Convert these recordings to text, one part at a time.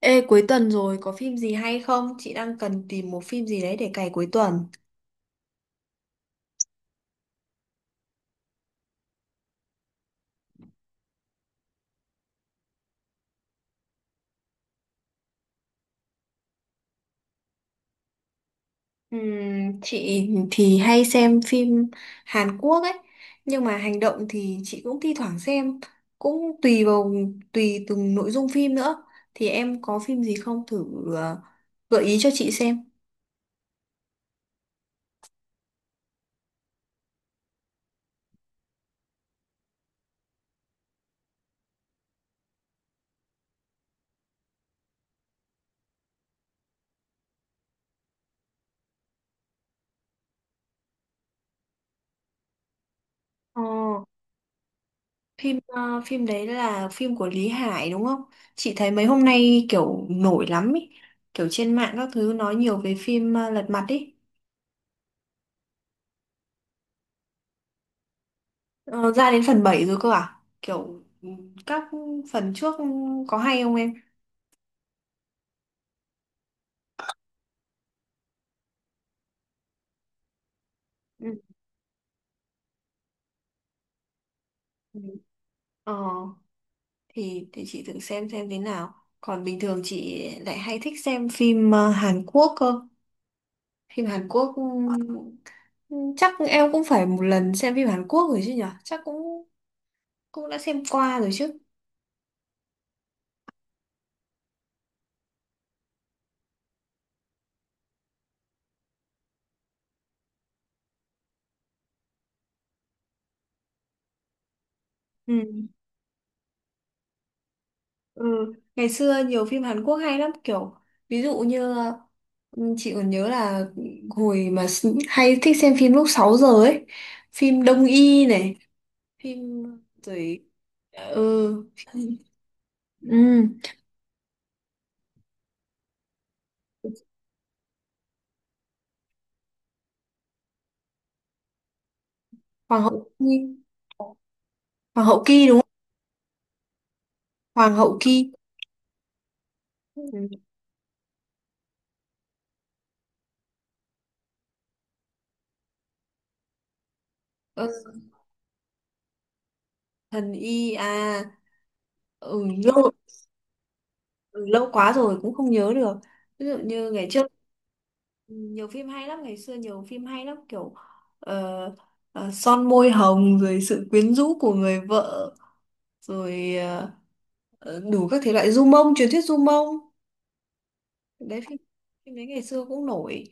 Ê, cuối tuần rồi có phim gì hay không? Chị đang cần tìm một phim gì đấy để cày cuối tuần. Ừm, chị thì hay xem phim Hàn Quốc ấy, nhưng mà hành động thì chị cũng thi thoảng xem, cũng tùy vào từng nội dung phim nữa. Thì em có phim gì không thử ờ, gợi ý cho chị xem. Ờ, phim đấy là phim của Lý Hải đúng không? Chị thấy mấy hôm nay kiểu nổi lắm ấy, kiểu trên mạng các thứ nói nhiều về phim Lật Mặt ấy. Ờ, ra đến phần 7 rồi cơ à? Kiểu ừ, các phần trước có hay không em? Ừ. Ừ. Ờ, thì chị thử xem thế nào. Còn bình thường chị lại hay thích xem phim Hàn Quốc cơ. Phim Hàn Quốc ừ, ừ, chắc em cũng phải một lần xem phim Hàn Quốc rồi chứ nhở? Chắc cũng cũng đã xem qua rồi chứ. Ừ. Ừ, ngày xưa nhiều phim Hàn Quốc hay lắm kiểu ví dụ như ừ, chị còn nhớ là hồi mà hay thích xem phim lúc 6 giờ ấy, phim Đông Y này, phim rồi ừ, ừ, Hoàng hậu Ki, Hoàng hậu Ki đúng không? Hoàng hậu Ki. Ừ, ừ, thần Y à. Ừ, lâu ừ, lâu quá rồi cũng không nhớ được. Ví dụ như ngày trước nhiều phim hay lắm, ngày xưa nhiều phim hay lắm kiểu ờ, son môi hồng rồi sự quyến rũ của người vợ rồi ờ, ờ, đủ các thể loại du mông truyền thuyết du mông, đấy phim phim đấy ngày xưa cũng nổi,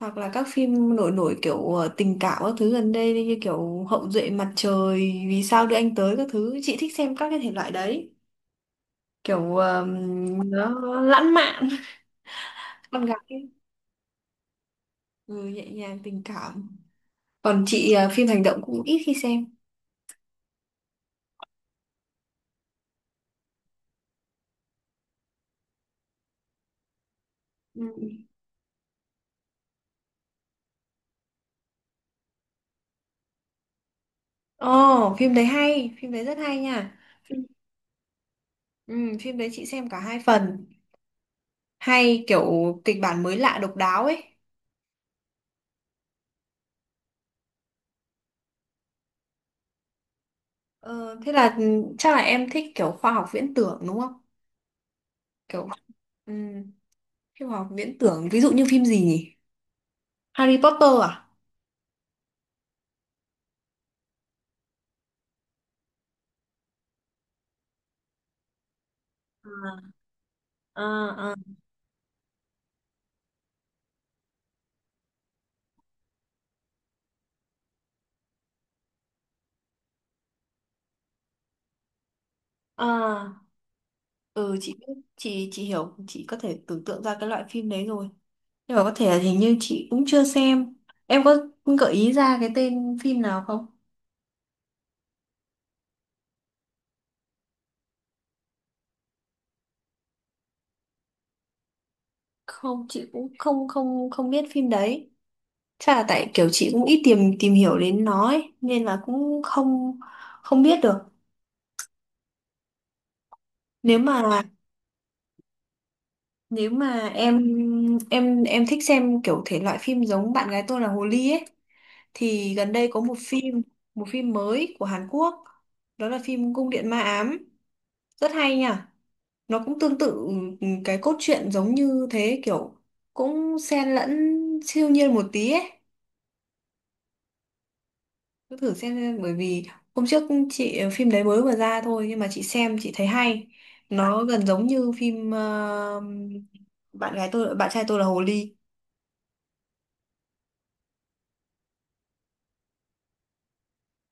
hoặc là các phim nổi nổi kiểu tình cảm các thứ gần đây như kiểu Hậu duệ mặt trời, vì sao đưa anh tới các thứ. Chị thích xem các cái thể loại đấy, kiểu nó lãng mạn, con gái ừ, nhẹ nhàng tình cảm. Còn chị phim hành động cũng ít khi xem. Ừ. Ồ, phim đấy hay, phim đấy rất hay nha. Phim, ừ, phim đấy chị xem cả hai phần, hay kiểu kịch bản mới lạ độc đáo ấy. Ờ, thế là ừ, chắc là em thích kiểu khoa học viễn tưởng đúng không? Kiểu ừm, cái khoa học viễn tưởng ví dụ như phim gì nhỉ? Harry Potter à? À, à, à. Ừ, chị biết, chị hiểu, chị có thể tưởng tượng ra cái loại phim đấy rồi. Nhưng mà có thể là hình như chị cũng chưa xem. Em có gợi ý ra cái tên phim nào không? Không, chị cũng không không không biết phim đấy. Chắc là tại kiểu chị cũng ít tìm tìm hiểu đến nó ấy, nên là cũng không không biết được. Nếu mà nếu mà em em thích xem kiểu thể loại phim giống bạn gái tôi là hồ ly ấy, thì gần đây có một phim, một phim mới của Hàn Quốc, đó là phim Cung điện ma ám, rất hay nha. Nó cũng tương tự ừ, cái cốt truyện giống như thế, kiểu cũng xen lẫn siêu nhiên một tí ấy. Cứ thử xem, bởi vì hôm trước chị phim đấy mới vừa ra thôi nhưng mà chị xem chị thấy hay, nó gần giống như phim bạn trai tôi là hồ ly.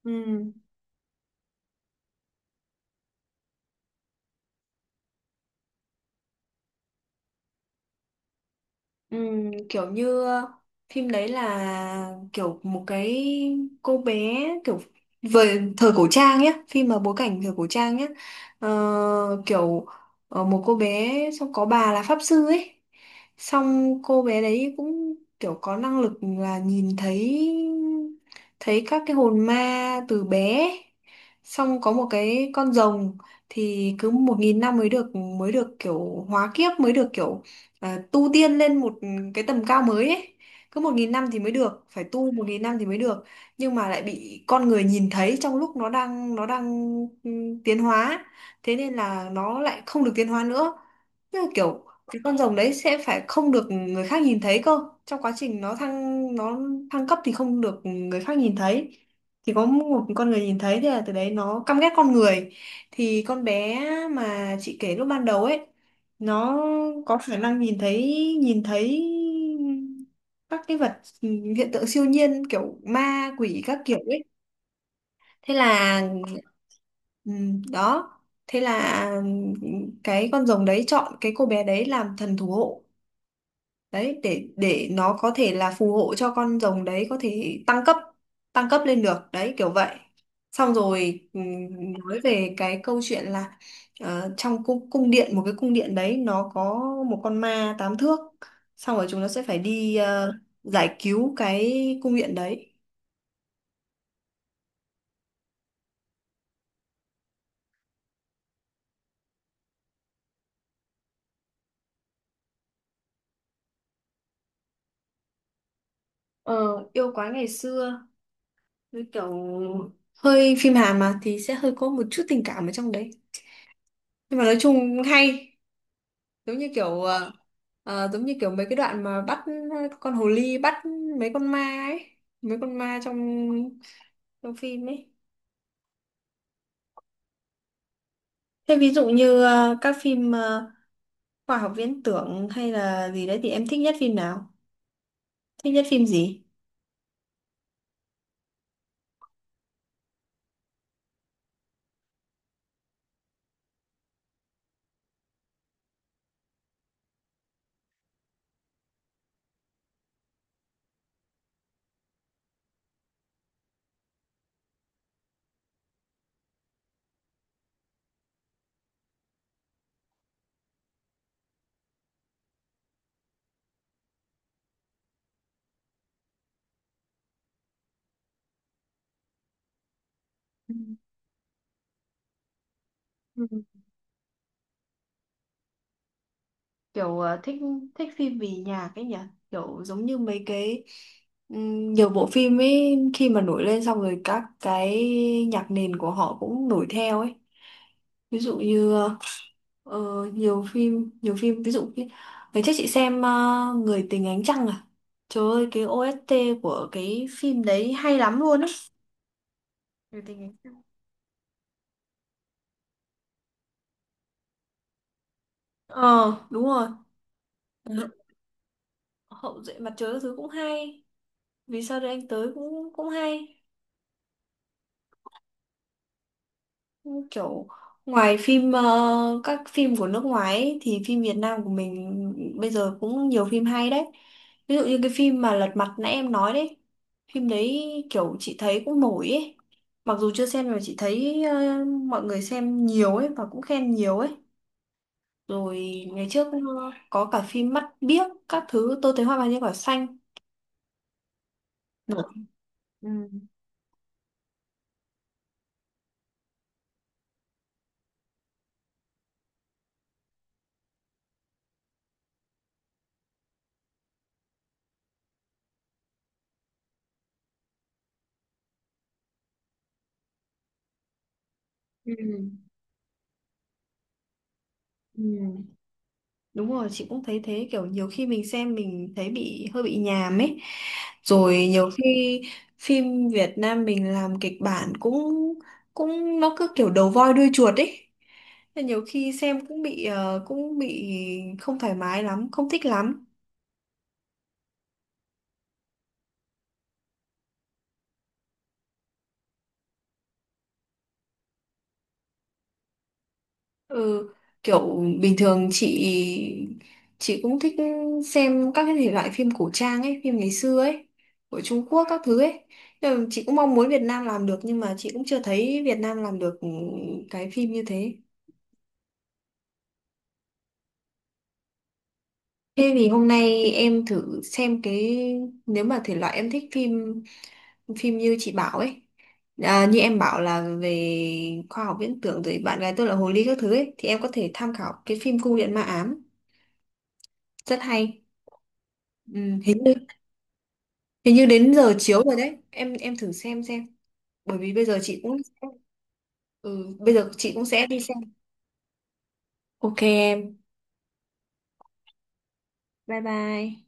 Ừ. Kiểu như phim đấy là kiểu một cái cô bé, kiểu về thời cổ trang nhé, phim mà bối cảnh thời cổ trang nhé. Ờ, kiểu một cô bé, xong có bà là pháp sư ấy, xong cô bé đấy cũng kiểu có năng lực là nhìn thấy, thấy các cái hồn ma từ bé, xong có một cái con rồng, thì cứ một nghìn năm mới được, kiểu hóa kiếp, mới được kiểu à, tu tiên lên một cái tầm cao mới ấy. Cứ một nghìn năm thì mới được, phải tu một nghìn năm thì mới được, nhưng mà lại bị con người nhìn thấy trong lúc nó đang ừ, tiến hóa, thế nên là nó lại không được tiến hóa nữa. Tức là kiểu cái con rồng đấy sẽ phải không được người khác nhìn thấy cơ, trong quá trình nó thăng cấp thì không được người khác nhìn thấy, thì có một con người nhìn thấy thì là từ đấy nó căm ghét con người. Thì con bé mà chị kể lúc ban đầu ấy, nó có khả năng nhìn thấy, nhìn thấy các cái vật, hiện tượng siêu nhiên kiểu ma quỷ các kiểu ấy. Thế là ừ, đó, thế là cái con rồng đấy chọn cái cô bé đấy làm thần thủ hộ đấy, để nó có thể là phù hộ cho con rồng đấy có thể tăng cấp, lên được đấy kiểu vậy. Xong rồi nói về cái câu chuyện là trong cung cung điện, một cái cung điện đấy nó có một con ma tám thước, xong rồi chúng nó sẽ phải đi giải cứu cái cung điện đấy. Ờ, yêu quái ngày xưa với kiểu hơi phim Hàn mà thì sẽ hơi có một chút tình cảm ở trong đấy, nhưng mà nói chung hay, giống như kiểu giống như kiểu mấy cái đoạn mà bắt con hồ ly bắt mấy con ma ấy, mấy con ma trong trong phim ấy. Thế ví dụ như ờ, các phim khoa học viễn tưởng hay là gì đấy thì em thích nhất phim nào, thích nhất phim gì? Ừ. Kiểu thích thích phim vì nhạc ấy nhỉ. Kiểu giống như mấy cái nhiều bộ phim ấy, khi mà nổi lên xong rồi các cái nhạc nền của họ cũng nổi theo ấy. Ví dụ như nhiều phim, ví dụ như ngày trước chị xem Người tình ánh trăng à, trời ơi cái OST của cái phim đấy hay lắm luôn á. Người tình ánh trăng. Ờ đúng rồi. Ừ. Hậu duệ mặt trời các thứ cũng hay, vì sao đây anh tới cũng cũng hay, kiểu ngoài phim các phim của nước ngoài ấy, thì phim Việt Nam của mình bây giờ cũng nhiều phim hay đấy. Ví dụ như cái phim mà Lật Mặt nãy em nói đấy, phim đấy kiểu chị thấy cũng nổi ấy, mặc dù chưa xem mà chị thấy ờ, mọi người xem nhiều ấy và cũng khen nhiều ấy. Rồi ngày trước có cả phim Mắt Biếc các thứ, tôi thấy hoa vàng trên cỏ xanh, nổi. Ừ. Ừ. Ừ. Đúng rồi, chị cũng thấy thế, kiểu nhiều khi mình xem mình thấy bị hơi bị nhàm ấy. Rồi nhiều khi phim Việt Nam mình làm kịch bản cũng cũng nó cứ kiểu đầu voi đuôi chuột ấy. Nên nhiều khi xem cũng bị cũng bị không thoải mái lắm, không thích lắm. Ừ, kiểu bình thường chị cũng thích xem các cái thể loại phim cổ trang ấy, phim ngày xưa ấy, của Trung Quốc các thứ ấy. Nhưng mà chị cũng mong muốn Việt Nam làm được, nhưng mà chị cũng chưa thấy Việt Nam làm được cái phim như thế. Thế thì hôm nay em thử xem cái, nếu mà thể loại em thích phim, như chị bảo ấy. À, như em bảo là về khoa học viễn tưởng rồi bạn gái tôi là hồ ly các thứ ấy, thì em có thể tham khảo cái phim Cung điện ma ám, rất hay. Ừ, hình như, hình như đến giờ chiếu rồi đấy. Em thử xem xem. Bởi vì bây giờ chị cũng ừ, bây giờ chị cũng sẽ đi xem. Ok em. Bye bye.